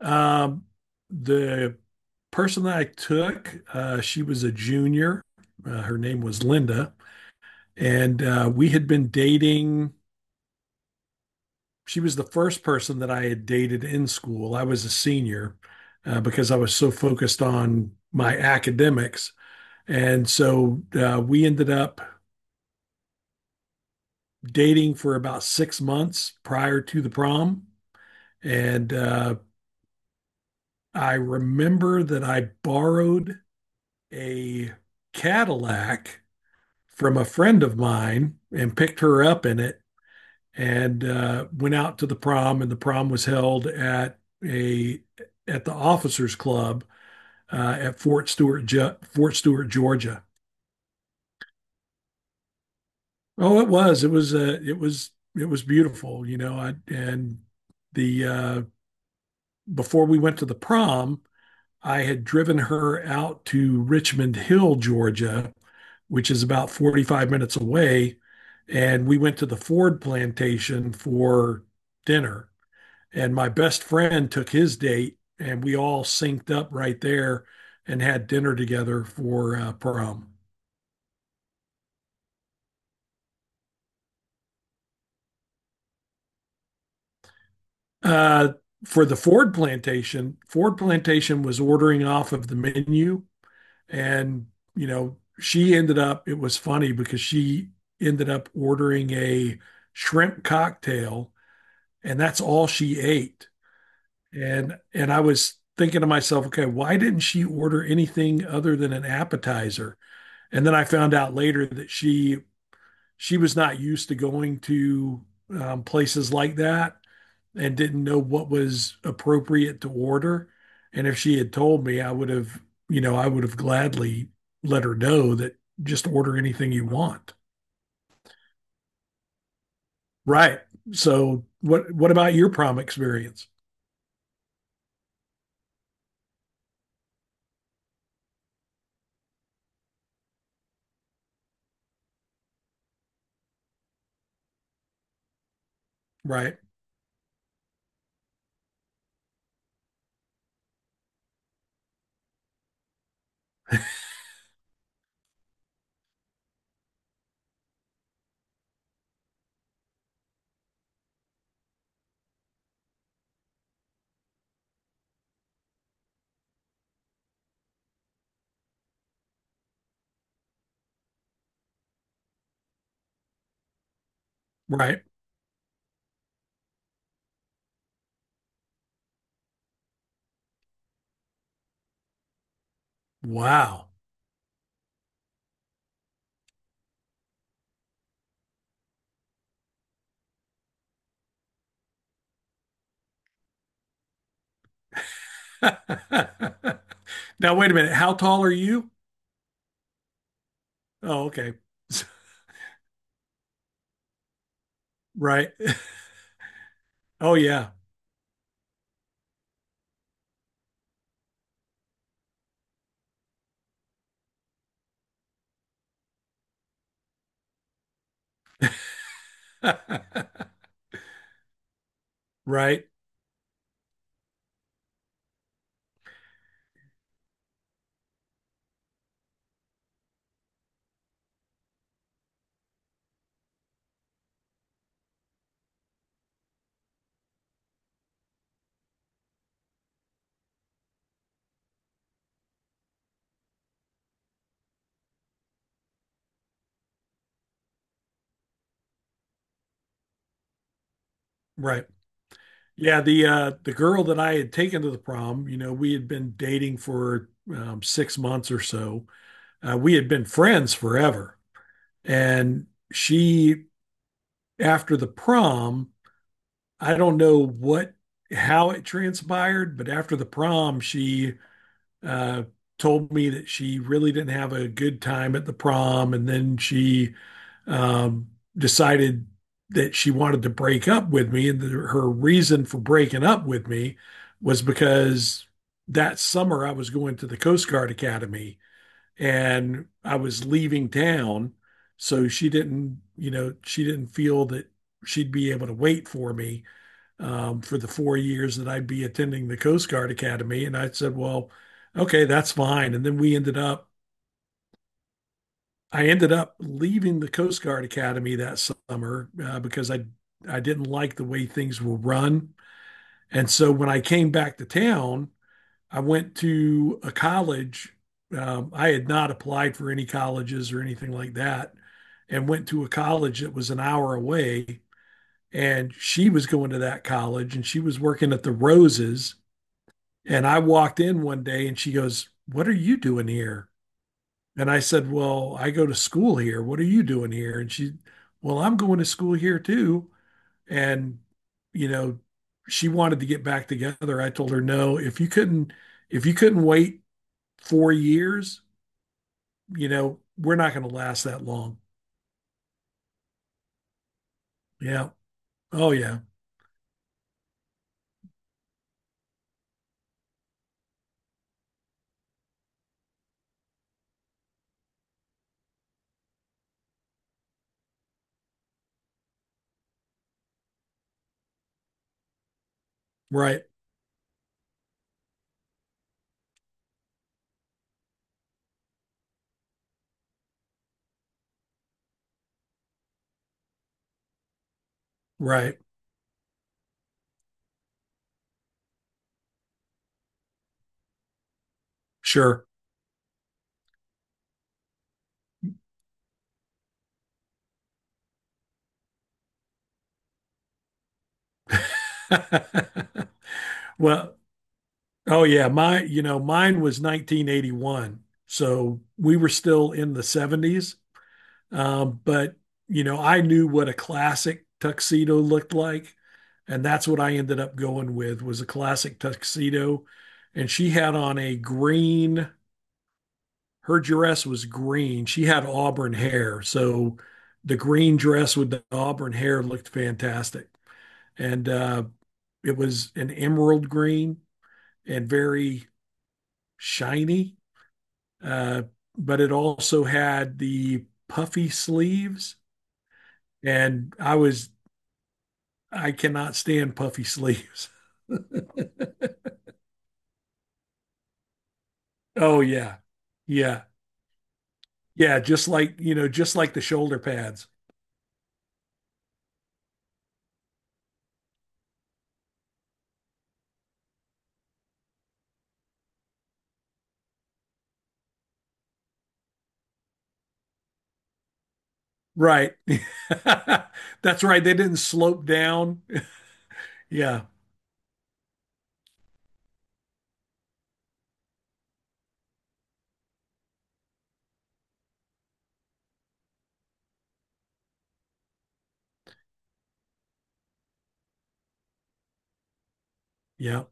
Um, the person that I took, she was a junior. Her name was Linda, and we had been dating. She was the first person that I had dated in school. I was a senior because I was so focused on my academics, and so we ended up dating for about 6 months prior to the prom. And I remember that I borrowed a Cadillac from a friend of mine and picked her up in it and went out to the prom, and the prom was held at a at the officers club at Fort Stewart, Georgia. Oh, it was, it was it was, it was beautiful, and the before we went to the prom, I had driven her out to Richmond Hill, Georgia, which is about 45 minutes away. And we went to the Ford plantation for dinner. And my best friend took his date, and we all synced up right there and had dinner together for prom. Uh, for the Ford plantation was ordering off of the menu. And, you know, she ended up, it was funny because she ended up ordering a shrimp cocktail, and that's all she ate. And I was thinking to myself, okay, why didn't she order anything other than an appetizer? And then I found out later that she was not used to going to places like that and didn't know what was appropriate to order. And if she had told me, I would have, you know, I would have gladly let her know that just order anything you want. Right. So what about your prom experience? Right. Right. Wow. Now, wait a minute. How tall are you? Oh, okay. Right. Oh, yeah. Right. Right. Yeah, the girl that I had taken to the prom, you know, we had been dating for 6 months or so. We had been friends forever. And she, after the prom, I don't know what how it transpired, but after the prom, she uh, told me that she really didn't have a good time at the prom, and then she um, decided that she wanted to break up with me, and that her reason for breaking up with me was because that summer I was going to the Coast Guard Academy and I was leaving town, so she didn't, you know, she didn't feel that she'd be able to wait for me for the 4 years that I'd be attending the Coast Guard Academy. And I said, well, okay, that's fine. And then I ended up leaving the Coast Guard Academy that summer because I didn't like the way things were run. And so when I came back to town, I went to a college. I had not applied for any colleges or anything like that, and went to a college that was an hour away. And she was going to that college, and she was working at the Roses. And I walked in one day and she goes, "What are you doing here?" And I said, "Well, I go to school here. What are you doing here?" And she, "Well, I'm going to school here too." And, you know, she wanted to get back together. I told her, "No, if you couldn't wait 4 years, you know, we're not going to last that long." Yeah. Oh, yeah. Right. Right. Sure. Well, oh yeah, my, mine was 1981, so we were still in the 70s. But you know, I knew what a classic tuxedo looked like, and that's what I ended up going with, was a classic tuxedo. And she had on a green. Her dress was green. She had auburn hair, so the green dress with the auburn hair looked fantastic, and it was an emerald green and very shiny uh, but it also had the puffy sleeves, and I was, I cannot stand puffy sleeves. Oh yeah, yeah, yeah. Just like you know, just like the shoulder pads, right? That's right. They didn't slope down. Yeah, yeah.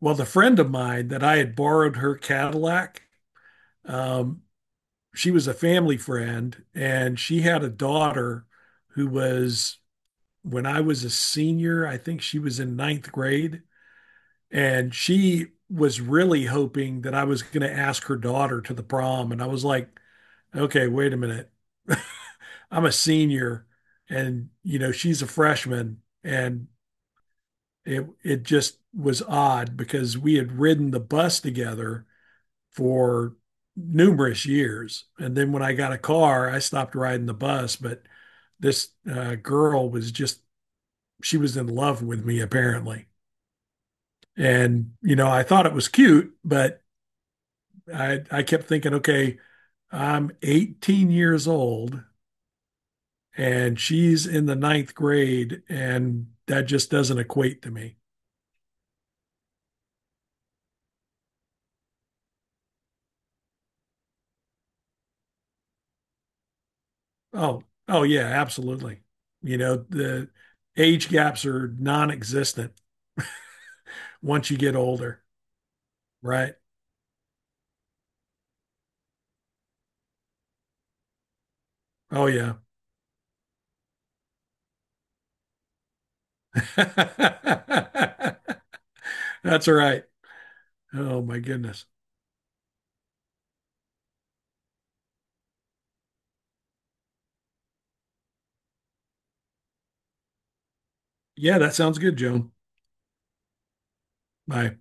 Well, the friend of mine that I had borrowed her Cadillac, um, she was a family friend, and she had a daughter who was, when I was a senior, I think she was in ninth grade, and she was really hoping that I was going to ask her daughter to the prom. And I was like, okay, wait a minute. I'm a senior, and you know she's a freshman, and it just was odd because we had ridden the bus together for numerous years, and then when I got a car, I stopped riding the bus. But this girl was just, she was in love with me apparently. And, you know, I thought it was cute, but I kept thinking, okay, I'm 18 years old and she's in the ninth grade, and that just doesn't equate to me. Oh, oh, yeah, absolutely. You know, the age gaps are non existent once you get older, right? Oh, yeah. That's all right. Oh, my goodness. Yeah, that sounds good, Joan. Bye.